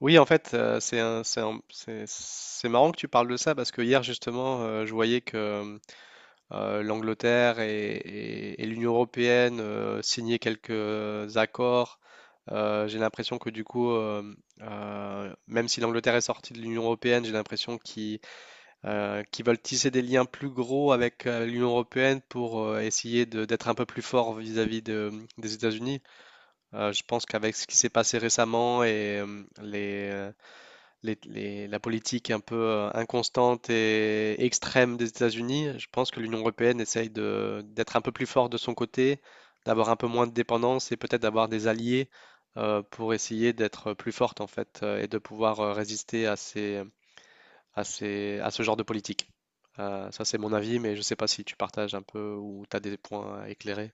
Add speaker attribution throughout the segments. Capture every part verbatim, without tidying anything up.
Speaker 1: Oui, en fait, euh, c'est un- c'est un- c'est- c'est marrant que tu parles de ça parce que hier, justement, euh, je voyais que euh, l'Angleterre et, et- et l'Union européenne euh, signaient quelques accords. Euh, j'ai l'impression que du coup, euh, euh, même si l'Angleterre est sortie de l'Union européenne, j'ai l'impression qu'ils euh, qu'ils veulent tisser des liens plus gros avec euh, l'Union européenne pour euh, essayer de- d'être un peu plus fort vis-à-vis de- des États-Unis. Euh, je pense qu'avec ce qui s'est passé récemment et euh, les, euh, les- les- la politique un peu euh, inconstante et extrême des États-Unis, je pense que l'Union européenne essaye de, d'être un peu plus forte de son côté, d'avoir un peu moins de dépendance et peut-être d'avoir des alliés euh, pour essayer d'être plus forte en fait euh, et de pouvoir euh, résister à ces, à ces- à ce genre de politique. Euh, ça, c'est mon avis, mais je ne sais pas si tu partages un peu ou tu as des points à éclairer.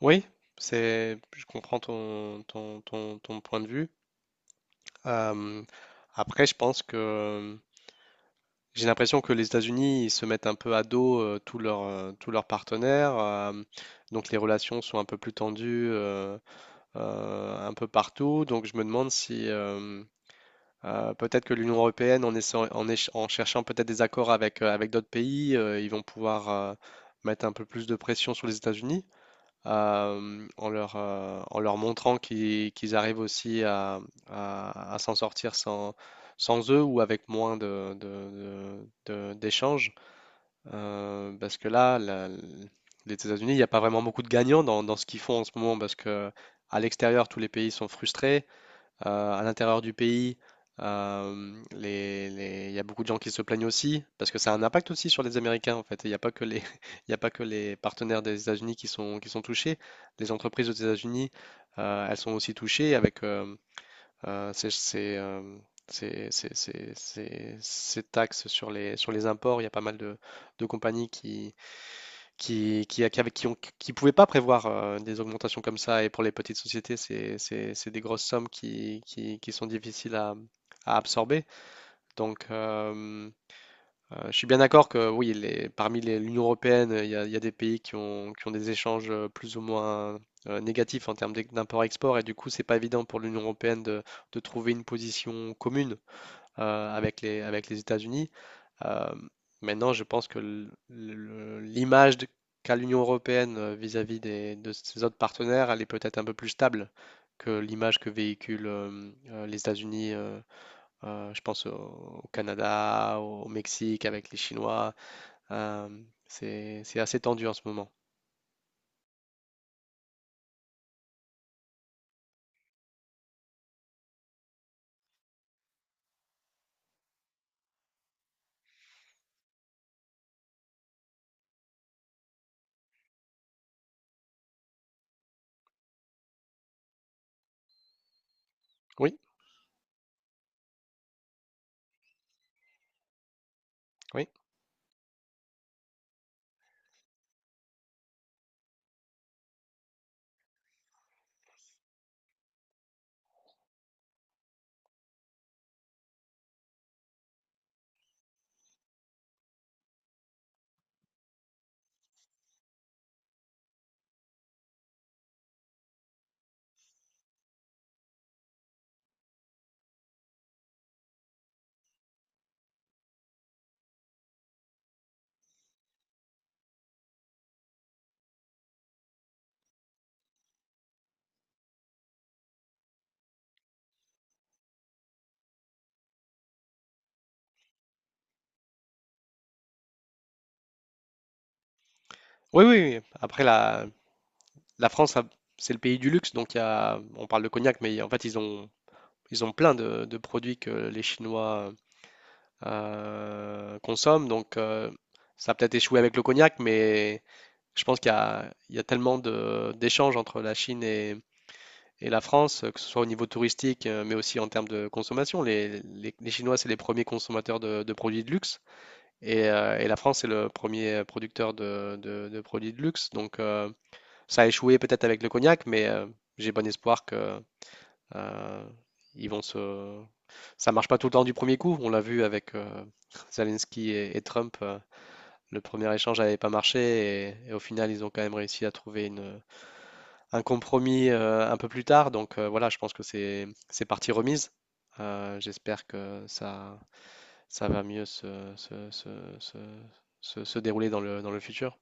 Speaker 1: Oui, c'est, je comprends ton, ton, ton, ton point de vue. Euh, après, je pense que j'ai l'impression que les États-Unis, ils se mettent un peu à dos euh, tous leurs euh, tous leurs partenaires, euh, donc les relations sont un peu plus tendues euh, euh, un peu partout. Donc je me demande si euh, euh, peut-être que l'Union européenne, en, essayant- en, éche- en cherchant peut-être des accords avec euh, avec d'autres pays, euh, ils vont pouvoir euh, mettre un peu plus de pression sur les États-Unis euh, en leur, euh, en leur montrant qu'ils qu'ils arrivent aussi à, à- à s'en sortir sans, sans eux ou avec moins de, de- de- de- d'échanges. Euh, parce que là, la- les États-Unis, il n'y a pas vraiment beaucoup de gagnants dans, dans ce qu'ils font en ce moment parce que à l'extérieur, tous les pays sont frustrés. Euh, à l'intérieur du pays, euh, les- les- il y a beaucoup de gens qui se plaignent aussi, parce que ça a un impact aussi sur les Américains, en fait. Il n'y a pas que les, il y a pas que les partenaires des États-Unis qui sont, qui sont touchés. Les entreprises aux États-Unis, euh, elles sont aussi touchées avec euh, euh, ces, ces, euh, ces- ces- ces- ces- ces taxes sur les, sur les imports. Il y a pas mal de, de compagnies qui, qui, qui, qui, avec- qui ont- qui pouvaient pas prévoir euh, des augmentations comme ça. Et pour les petites sociétés, c'est, c'est- c'est des grosses sommes qui, qui- qui sont difficiles à, à absorber. Donc, euh, euh, je suis bien d'accord que oui, les- parmi les- l'Union européenne, il y a, il y a des pays qui ont, qui ont des échanges euh, plus ou moins euh, négatifs en termes d'e- d'import-export. Et du coup, c'est pas évident pour l'Union européenne de, de trouver une position commune euh, avec les, avec les États-Unis. Euh, maintenant, je pense que le- le- l'image de- qu'a l'Union européenne euh, vis-à-vis des, de ses autres partenaires, elle est peut-être un peu plus stable que l'image que véhiculent euh, euh, les États-Unis, euh, euh, je pense au, au Canada, au Mexique, avec les Chinois. Euh, c'est, c'est assez tendu en ce moment. Oui, oui. Oui, oui, oui. Après, la, la France, a- c'est le pays du luxe, donc il y a, on parle de cognac, mais en fait, ils ont ils ont plein de, de produits que les Chinois euh, consomment, donc euh, ça a peut-être échoué avec le cognac, mais je pense qu'il y a, il y a tellement de- d'échanges entre la Chine et, et la France, que ce soit au niveau touristique, euh, mais aussi en termes de consommation. Les, les- les Chinois, c'est les premiers consommateurs de, de produits de luxe, et, euh, et la France, c'est le premier producteur de, de- de produits de luxe. Donc euh, ça a échoué peut-être avec le cognac, mais euh, j'ai bon espoir que euh, ils vont se, ça marche pas tout le temps du premier coup. On l'a vu avec euh, Zelensky et, et Trump. euh, Le premier échange n'avait pas marché et, et au final, ils ont quand même réussi à trouver une, un compromis euh, un peu plus tard. Donc euh, voilà, je pense que c'est c'est partie remise. Euh, j'espère que ça, ça va mieux se, se, se, se, se- se dérouler dans le, dans le futur.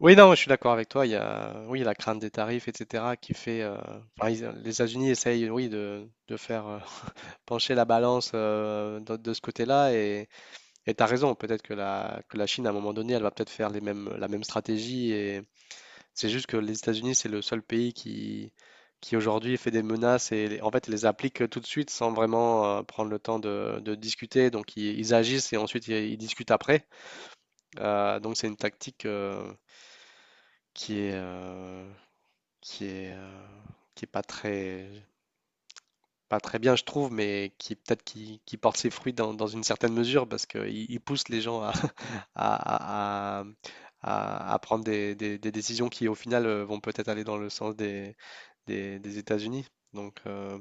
Speaker 1: Oui, non, je suis d'accord avec toi. Il y a, oui, la crainte des tarifs, et cetera, qui fait. Euh, enfin, ils- les États-Unis essayent, oui, de, de faire euh, pencher la balance euh, de, de ce côté-là. Et tu as raison, peut-être que la, que la Chine, à un moment donné, elle va peut-être faire les mêmes, la même stratégie. Et c'est juste que les États-Unis, c'est le seul pays qui, qui aujourd'hui fait des menaces et les- en fait ils les applique tout de suite sans vraiment euh, prendre le temps de, de discuter. Donc ils, ils agissent et ensuite ils, ils discutent après. Euh, donc c'est une tactique euh, qui est, euh, qui est, euh, qui est pas très pas très bien, je trouve, mais qui peut-être qui, qui porte ses fruits dans, dans une certaine mesure parce qu'il il pousse les gens à, à, à- à- à à prendre des, des- des décisions qui, au final, euh, vont peut-être aller dans le sens des, des, des États-Unis. Donc, euh,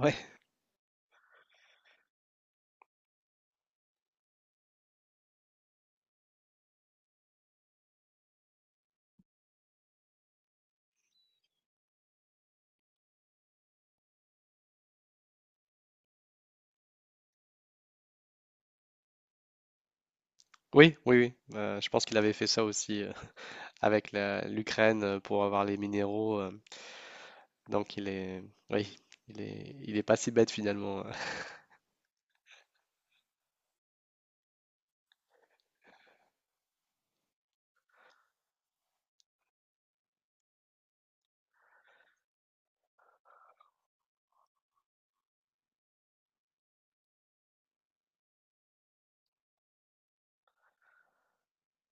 Speaker 1: ouais, oui, oui, oui. Euh, je pense qu'il avait fait ça aussi euh, avec la- l'Ukraine euh, pour avoir les minéraux. euh, donc, il est, oui, il est, il est pas si bête finalement.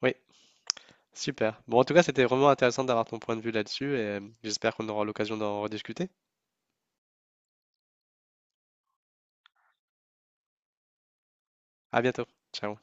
Speaker 1: Oui. Super. Bon, en tout cas, c'était vraiment intéressant d'avoir ton point de vue là-dessus et euh, j'espère qu'on aura l'occasion d'en rediscuter. À bientôt. Ciao.